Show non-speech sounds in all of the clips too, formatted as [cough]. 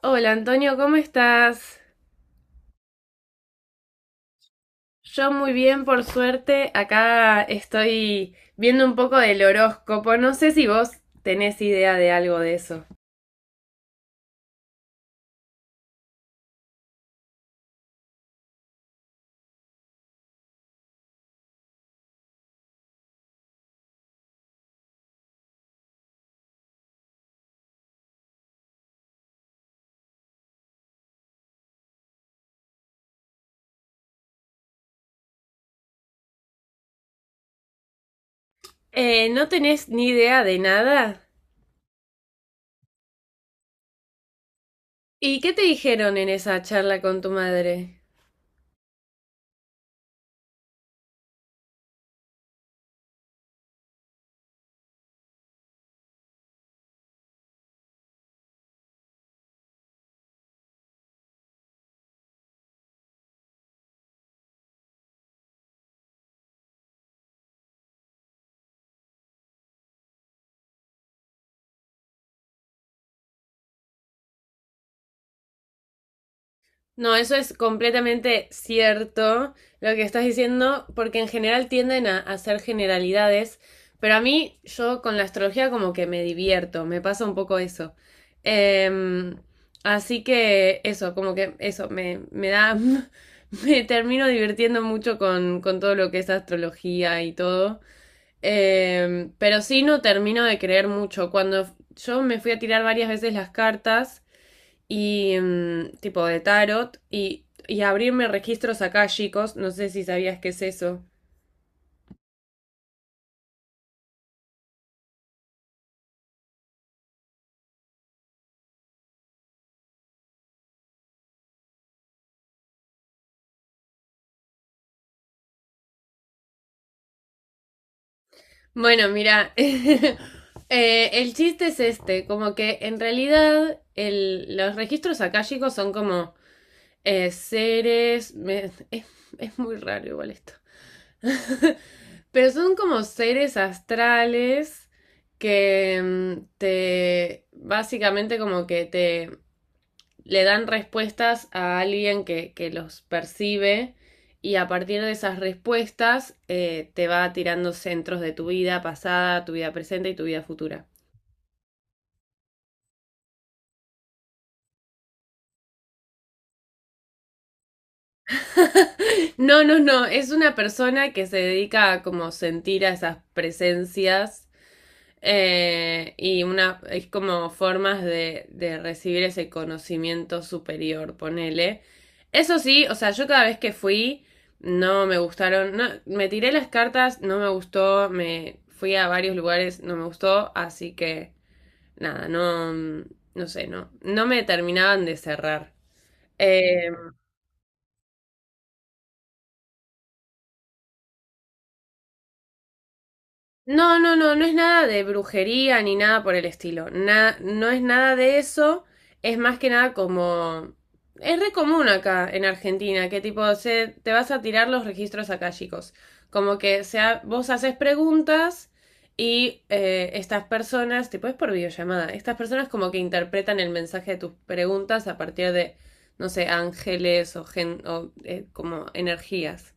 Hola Antonio, ¿cómo estás? Yo muy bien, por suerte. Acá estoy viendo un poco del horóscopo. No sé si vos tenés idea de algo de eso. ¿No tenés ni idea de nada? ¿Y qué te dijeron en esa charla con tu madre? No, eso es completamente cierto lo que estás diciendo, porque en general tienden a hacer generalidades, pero a mí yo con la astrología como que me divierto, me pasa un poco eso. Em, Así que eso, como que eso, me da, [laughs] me termino divirtiendo mucho con todo lo que es astrología y todo. Pero sí no termino de creer mucho. Cuando yo me fui a tirar varias veces las cartas, y tipo de tarot y abrirme registros acá, chicos. No sé si sabías qué es eso. Bueno, mira, [laughs] el chiste es este, como que en realidad los registros acá, chicos, son como seres, [laughs] es muy raro igual esto. [laughs] Pero son como seres astrales que te, básicamente como que te le dan respuestas a alguien que los percibe y a partir de esas respuestas te va tirando centros de tu vida pasada, tu vida presente y tu vida futura. No, es una persona que se dedica a como sentir a esas presencias. Y una, es como formas de recibir ese conocimiento superior, ponele. Eso sí, o sea, yo cada vez que fui, no me gustaron, no, me tiré las cartas, no me gustó, me fui a varios lugares, no me gustó, así que nada, no, no sé, no, no me terminaban de cerrar. Eh, no, no es nada de brujería ni nada por el estilo. No es nada de eso. Es más que nada como... Es re común acá en Argentina, que tipo, se, te vas a tirar los registros chicos? Como que sea, vos haces preguntas y estas personas, tipo es por videollamada, estas personas como que interpretan el mensaje de tus preguntas a partir de, no sé, ángeles o, gen, o como energías.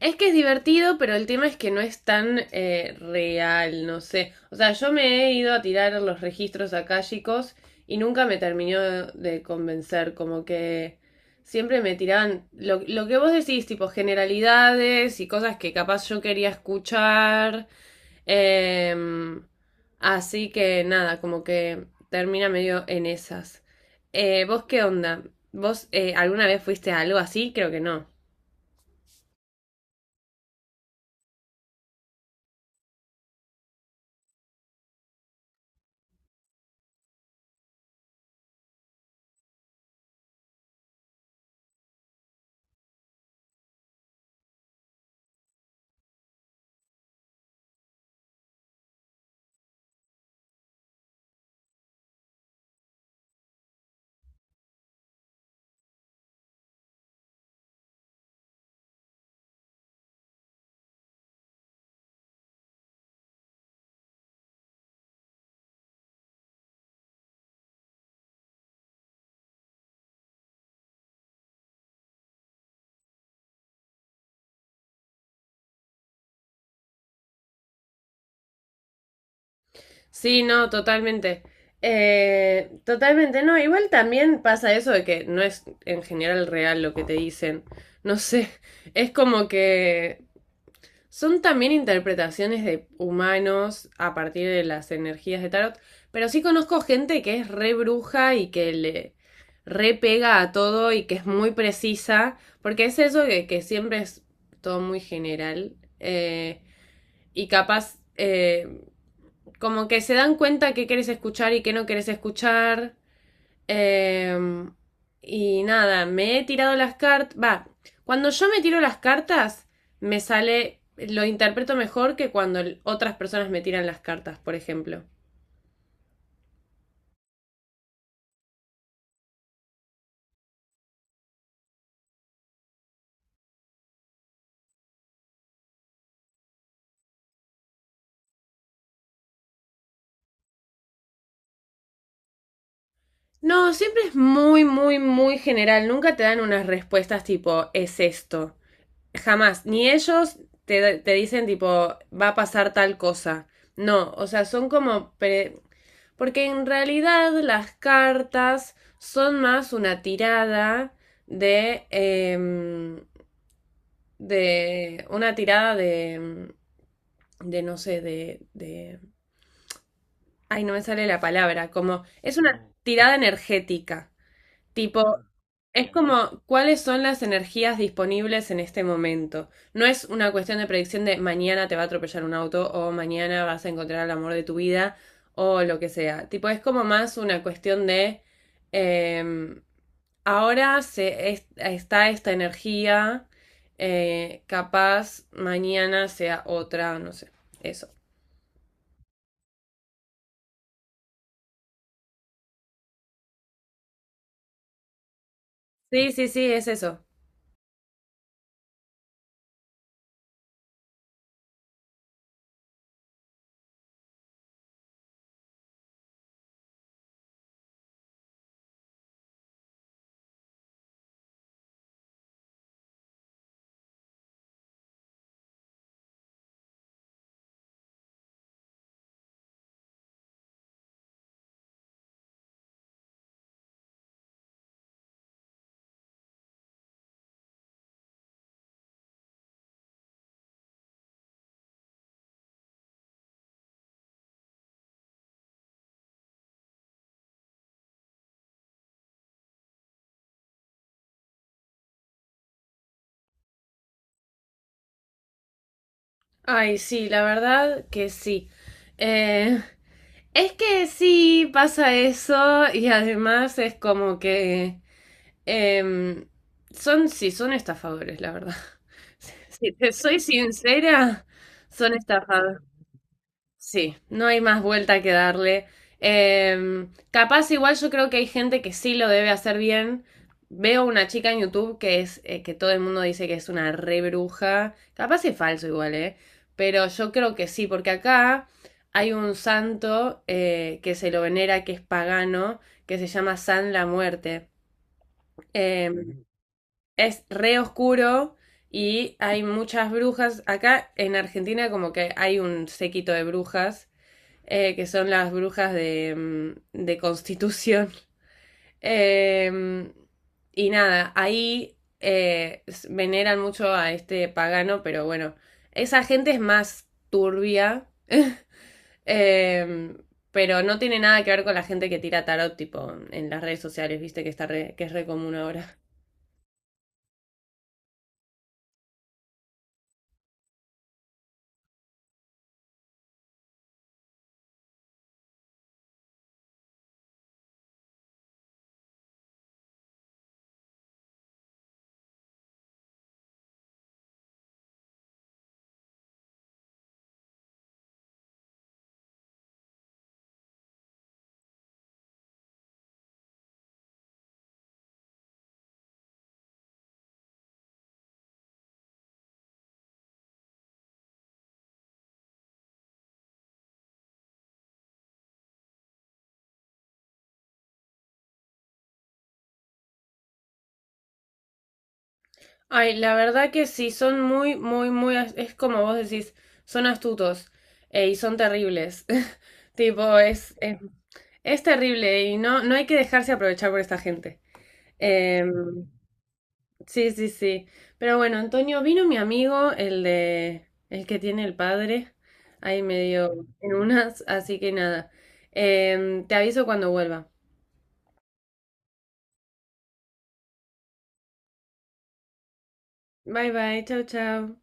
Es que es divertido, pero el tema es que no es tan real, no sé. O sea, yo me he ido a tirar los registros akáshicos y nunca me terminó de convencer, como que siempre me tiraban lo que vos decís, tipo generalidades y cosas que capaz yo quería escuchar. em, Así que nada, como que termina medio en esas. ¿Vos qué onda? ¿Vos alguna vez fuiste a algo así? Creo que no. Sí, no, totalmente. Totalmente, no. Igual también pasa eso de que no es en general real lo que te dicen. No sé, [laughs] es como que son también interpretaciones de humanos a partir de las energías de tarot. Pero sí conozco gente que es re bruja y que le re pega a todo y que es muy precisa. Porque es eso que siempre es todo muy general. Y capaz como que se dan cuenta qué querés escuchar y qué no querés escuchar. eh, y nada, me he tirado las cartas. Va, cuando yo me tiro las cartas, me sale. Lo interpreto mejor que cuando otras personas me tiran las cartas, por ejemplo. No, siempre es muy, muy, muy general. Nunca te dan unas respuestas tipo, es esto. Jamás, ni ellos te dicen tipo, va a pasar tal cosa. No, o sea, son como... Porque en realidad las cartas son más una tirada de... de una tirada de no sé, de... Ay, no me sale la palabra, como... Es una tirada energética. Tipo, es como cuáles son las energías disponibles en este momento. No es una cuestión de predicción de mañana te va a atropellar un auto o mañana vas a encontrar el amor de tu vida o lo que sea. Tipo, es como más una cuestión de em, ahora está esta energía, capaz mañana sea otra, no sé. Eso. Sí, sí, sí, es eso. Ay, sí, la verdad que sí. Eh, es que sí pasa eso y además es como que em, sí, son estafadores, la verdad. [laughs] Si te soy sincera, son estafadores. Sí, no hay más vuelta que darle. Capaz igual yo creo que hay gente que sí lo debe hacer bien. Veo una chica en YouTube que es que todo el mundo dice que es una re bruja. Capaz es falso igual, ¿eh? Pero yo creo que sí, porque acá hay un santo que se lo venera, que es pagano, que se llama San la Muerte. Em, es re oscuro y hay muchas brujas. Acá en Argentina como que hay un séquito de brujas que son las brujas de, de Constitución. [laughs] Eh, y nada, ahí veneran mucho a este pagano, pero bueno, esa gente es más turbia, [laughs] eh, pero no tiene nada que ver con la gente que tira tarot, tipo, en las redes sociales, viste, que, que es re común ahora. Ay, la verdad que sí, son muy, muy, muy, es como vos decís, son astutos y son terribles. [laughs] Tipo, es terrible y no, no hay que dejarse aprovechar por esta gente. Em, sí, sí, sí. Pero bueno, Antonio, vino mi amigo, el de, el que tiene el padre, ahí medio en unas, así que nada. Te aviso cuando vuelva. Bye, bye, chao, chao.